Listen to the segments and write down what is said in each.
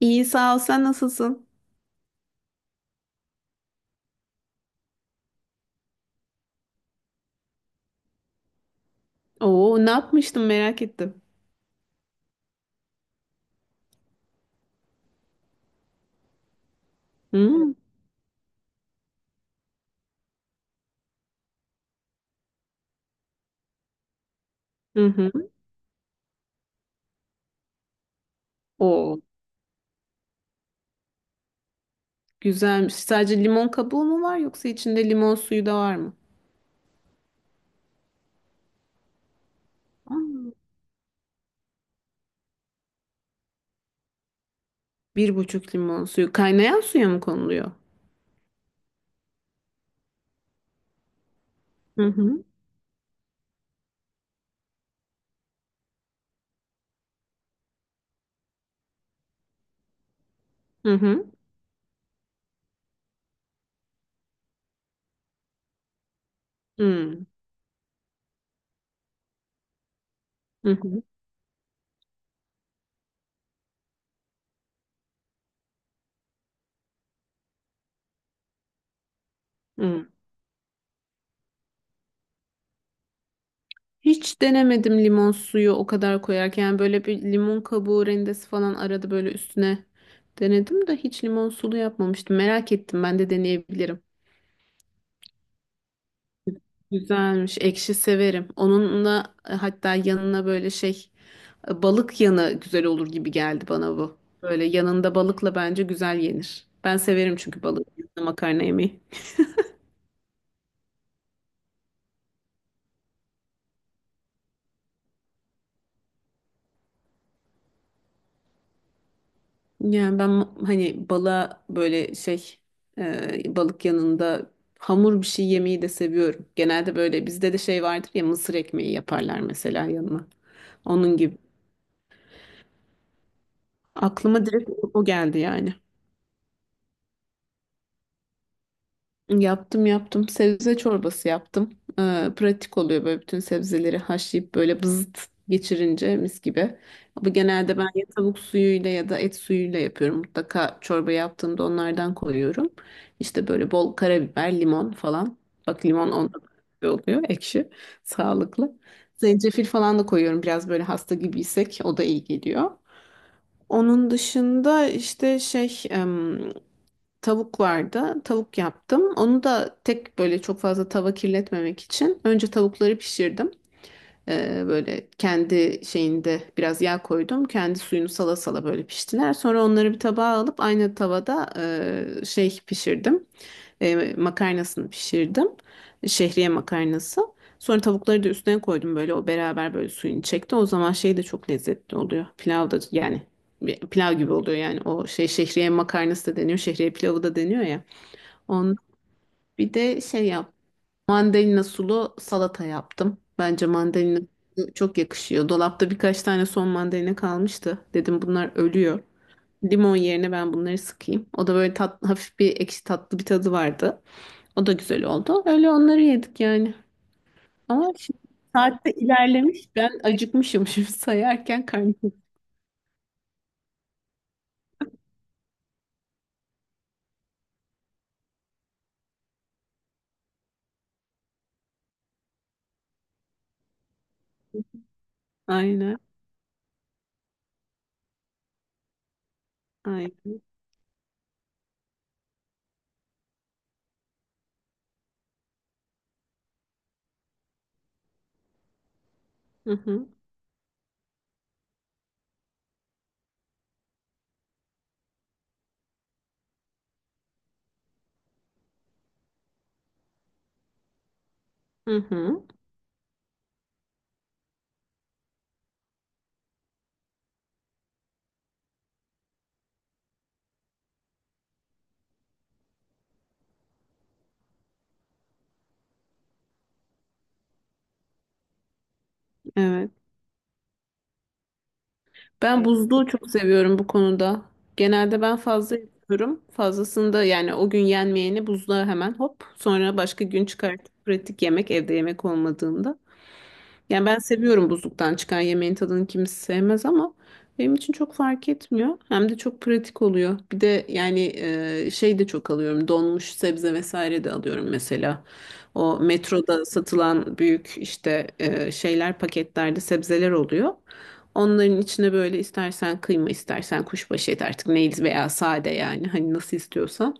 İyi sağ ol. Sen nasılsın? Oo, ne yapmıştım merak ettim. Hmm. Hı hı. Oo, güzelmiş. Sadece limon kabuğu mu var yoksa içinde limon suyu da var mı? Aa. Bir buçuk limon suyu. Kaynayan suya mı konuluyor? Hı hı. Hı hı. Hmm. Hı hı. Hı. Hiç denemedim limon suyu o kadar koyarken. Yani böyle bir limon kabuğu rendesi falan arada böyle üstüne denedim de hiç limon sulu yapmamıştım. Merak ettim. Ben de deneyebilirim. Güzelmiş. Ekşi severim. Onunla hatta yanına böyle şey balık yanı güzel olur gibi geldi bana bu. Böyle yanında balıkla bence güzel yenir. Ben severim çünkü balık yanında makarna yemeyi. Yani ben hani balığa böyle şey balık yanında hamur bir şey yemeyi de seviyorum. Genelde böyle bizde de şey vardır ya, mısır ekmeği yaparlar mesela yanına. Onun gibi. Aklıma direkt o geldi yani. Yaptım yaptım. Sebze çorbası yaptım. Pratik oluyor böyle bütün sebzeleri haşlayıp böyle bızıt geçirince mis gibi. Ama genelde ben ya tavuk suyuyla ya da et suyuyla yapıyorum. Mutlaka çorba yaptığımda onlardan koyuyorum. İşte böyle bol karabiber, limon falan. Bak limon onda da oluyor ekşi, sağlıklı. Zencefil falan da koyuyorum biraz böyle hasta gibiysek o da iyi geliyor. Onun dışında işte şey, tavuk vardı. Tavuk yaptım. Onu da tek böyle çok fazla tava kirletmemek için önce tavukları pişirdim. Böyle kendi şeyinde biraz yağ koydum. Kendi suyunu sala sala böyle piştiler. Sonra onları bir tabağa alıp aynı tavada şey pişirdim. Makarnasını pişirdim. Şehriye makarnası. Sonra tavukları da üstüne koydum böyle o beraber böyle suyunu çekti. O zaman şey de çok lezzetli oluyor. Pilav da yani bir pilav gibi oluyor yani, o şey şehriye makarnası da deniyor, şehriye pilavı da deniyor ya. On. Bir de şey yap. Mandalina sulu salata yaptım. Bence mandalina çok yakışıyor. Dolapta birkaç tane son mandalina kalmıştı. Dedim bunlar ölüyor. Limon yerine ben bunları sıkayım. O da böyle tat, hafif bir ekşi tatlı bir tadı vardı. O da güzel oldu. Öyle onları yedik yani. Ama şimdi saatte ilerlemiş. Ben acıkmışım şimdi sayarken karnım. Aynen. Aynen. Hı hı. Hı hı. Evet. Ben buzluğu çok seviyorum bu konuda. Genelde ben fazla yapıyorum. Fazlasında yani o gün yenmeyeni buzluğa hemen hop, sonra başka gün çıkartıp pratik yemek, evde yemek olmadığında. Yani ben seviyorum, buzluktan çıkan yemeğin tadını kimse sevmez ama benim için çok fark etmiyor. Hem de çok pratik oluyor. Bir de yani şey de çok alıyorum. Donmuş sebze vesaire de alıyorum mesela. O metroda satılan büyük işte şeyler, paketlerde sebzeler oluyor. Onların içine böyle istersen kıyma, istersen kuşbaşı et, artık neydi veya sade, yani hani nasıl istiyorsan.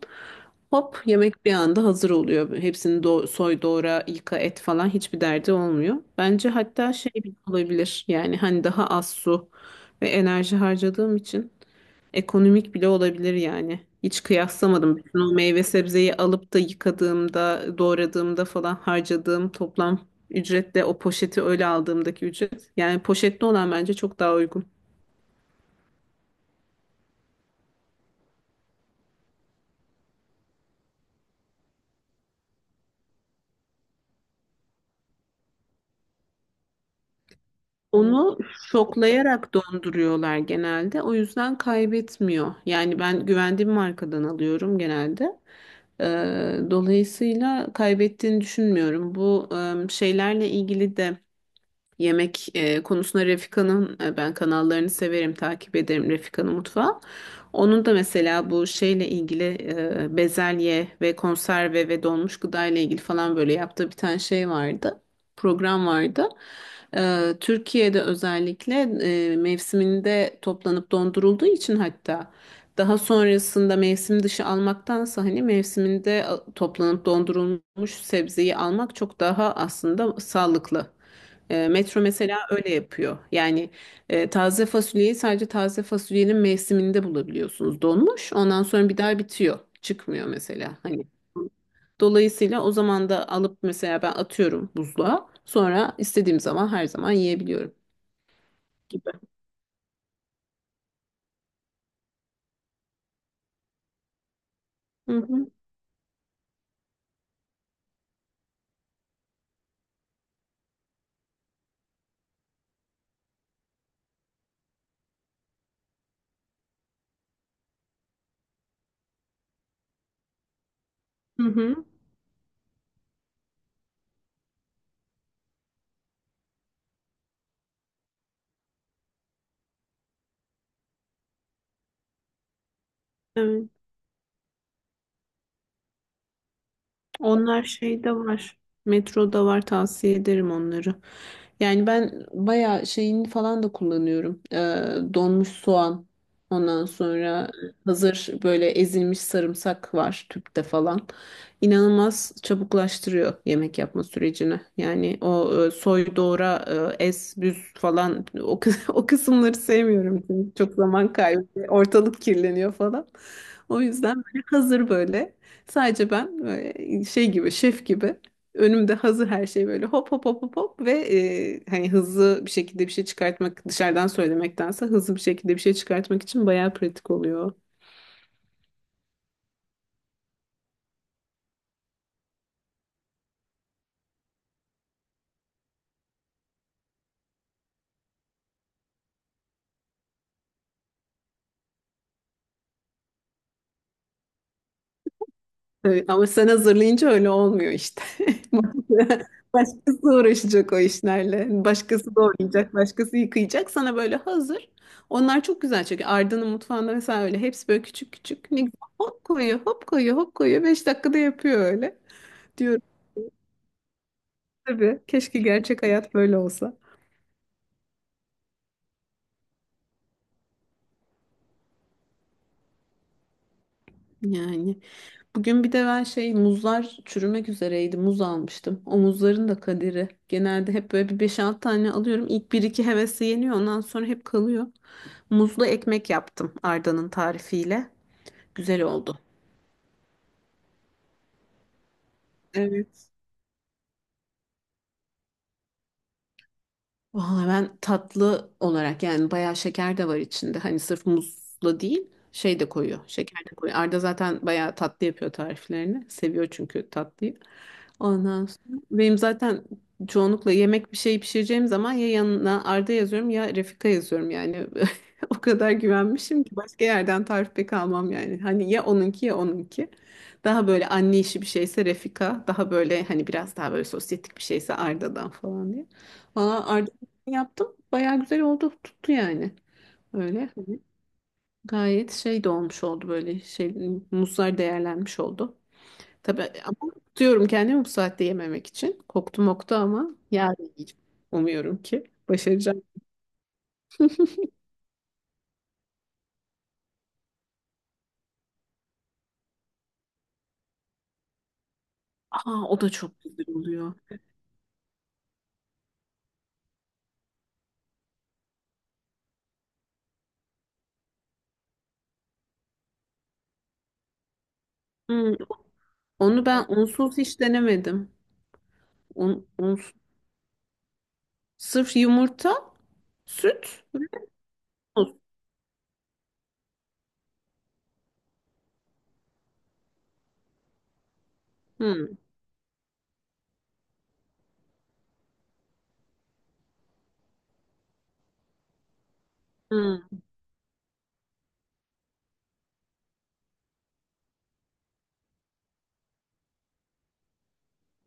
Hop, yemek bir anda hazır oluyor. Hepsini soy, doğra, yıka, et falan hiçbir derdi olmuyor. Bence hatta şey bile olabilir. Yani hani daha az su ve enerji harcadığım için ekonomik bile olabilir yani. Hiç kıyaslamadım. Bütün o meyve sebzeyi alıp da yıkadığımda, doğradığımda falan harcadığım toplam ücretle o poşeti öyle aldığımdaki ücret. Yani poşetli olan bence çok daha uygun. Onu şoklayarak donduruyorlar genelde. O yüzden kaybetmiyor. Yani ben güvendiğim markadan alıyorum genelde. Dolayısıyla kaybettiğini düşünmüyorum. Bu şeylerle ilgili de yemek konusunda Refika'nın ben kanallarını severim, takip ederim Refika'nın mutfağı. Onun da mesela bu şeyle ilgili bezelye ve konserve ve donmuş gıda ile ilgili falan böyle yaptığı bir tane şey vardı. Program vardı. Türkiye'de özellikle mevsiminde toplanıp dondurulduğu için, hatta daha sonrasında mevsim dışı almaktansa hani mevsiminde toplanıp dondurulmuş sebzeyi almak çok daha aslında sağlıklı. Metro mesela öyle yapıyor. Yani taze fasulyeyi sadece taze fasulyenin mevsiminde bulabiliyorsunuz. Donmuş, ondan sonra bir daha bitiyor. Çıkmıyor mesela. Hani dolayısıyla o zaman da alıp mesela ben atıyorum buzluğa. Sonra istediğim zaman her zaman yiyebiliyorum gibi. Hı hı. Hı hı. Evet. Onlar şeyde var. Metroda var, tavsiye ederim onları. Yani ben bayağı şeyini falan da kullanıyorum. Donmuş soğan. Ondan sonra hazır böyle ezilmiş sarımsak var tüpte falan. İnanılmaz çabuklaştırıyor yemek yapma sürecini. Yani o soy doğra ez büz falan, o, o kısımları sevmiyorum. Çünkü çok zaman kaybı, ortalık kirleniyor falan. O yüzden böyle hazır böyle. Sadece ben böyle şey gibi, şef gibi, önümde hazır her şey böyle hop hop hop hop hop ve hani hızlı bir şekilde bir şey çıkartmak, dışarıdan söylemektense hızlı bir şekilde bir şey çıkartmak için bayağı pratik oluyor. Evet, ama sen hazırlayınca öyle olmuyor işte. Başkası uğraşacak o işlerle. Başkası doğrayacak, başkası yıkayacak. Sana böyle hazır. Onlar çok güzel çünkü Arda'nın mutfağında mesela öyle hepsi böyle küçük küçük. Ne güzel. Hop koyuyor, hop koyuyor, hop koyuyor. 5 dakikada yapıyor öyle. Diyorum tabii. Keşke gerçek hayat böyle olsa. Yani bugün bir de ben şey, muzlar çürümek üzereydi. Muz almıştım. O muzların da kaderi. Genelde hep böyle bir beş 6 tane alıyorum. İlk bir iki hevesi yeniyor. Ondan sonra hep kalıyor. Muzlu ekmek yaptım Arda'nın tarifiyle. Güzel oldu. Evet. Vallahi ben tatlı olarak yani bayağı şeker de var içinde. Hani sırf muzla değil, şey de koyuyor. Şeker de koyuyor. Arda zaten bayağı tatlı yapıyor tariflerini. Seviyor çünkü tatlıyı. Ondan sonra benim zaten çoğunlukla yemek, bir şey pişireceğim zaman ya yanına Arda yazıyorum ya Refika yazıyorum yani. O kadar güvenmişim ki başka yerden tarif pek almam yani. Hani ya onunki ya onunki. Daha böyle anne işi bir şeyse Refika. Daha böyle hani biraz daha böyle sosyetik bir şeyse Arda'dan falan diye. Valla yaptım. Bayağı güzel oldu. Tuttu yani. Öyle. Hani gayet şey de olmuş oldu, böyle şey, muzlar değerlenmiş oldu. Tabii ama tutuyorum kendimi bu saatte yememek için. Koptu moktu ama yarın yiyeceğim. Umuyorum ki başaracağım. Aa, o da çok güzel oluyor. Hmm, onu ben unsuz hiç denemedim. Un, unsuz. Sırf yumurta, süt ve muz. Hmm. Hmm.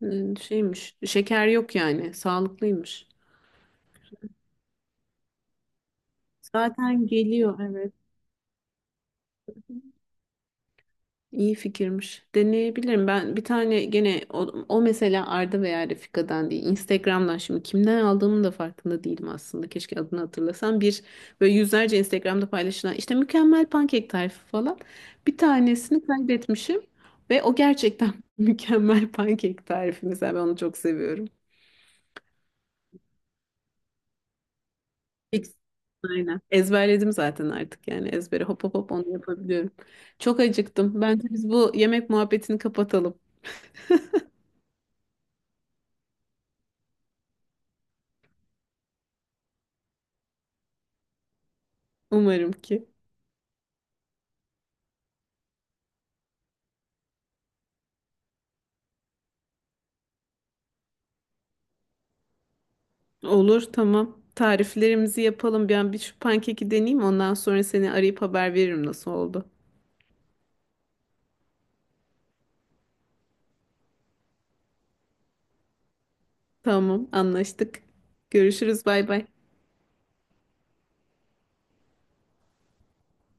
Hmm, şeymiş. Şeker yok yani. Sağlıklıymış. Zaten geliyor, evet. İyi fikirmiş. Deneyebilirim. Ben bir tane gene o, o mesela Arda veya Refika'dan değil. Instagram'dan, şimdi kimden aldığımın da farkında değilim aslında. Keşke adını hatırlasam. Bir böyle yüzlerce Instagram'da paylaşılan işte mükemmel pankek tarifi falan. Bir tanesini kaybetmişim ve o gerçekten mükemmel pankek tarifi. Mesela ben onu çok seviyorum. Fix. Aynen. Ezberledim zaten artık yani, ezbere hop hop hop onu yapabiliyorum. Çok acıktım. Bence biz bu yemek muhabbetini kapatalım. Umarım ki. Olur, tamam. Tariflerimizi yapalım. Ben bir şu pankeki deneyeyim. Ondan sonra seni arayıp haber veririm nasıl oldu. Tamam, anlaştık. Görüşürüz, bay bay.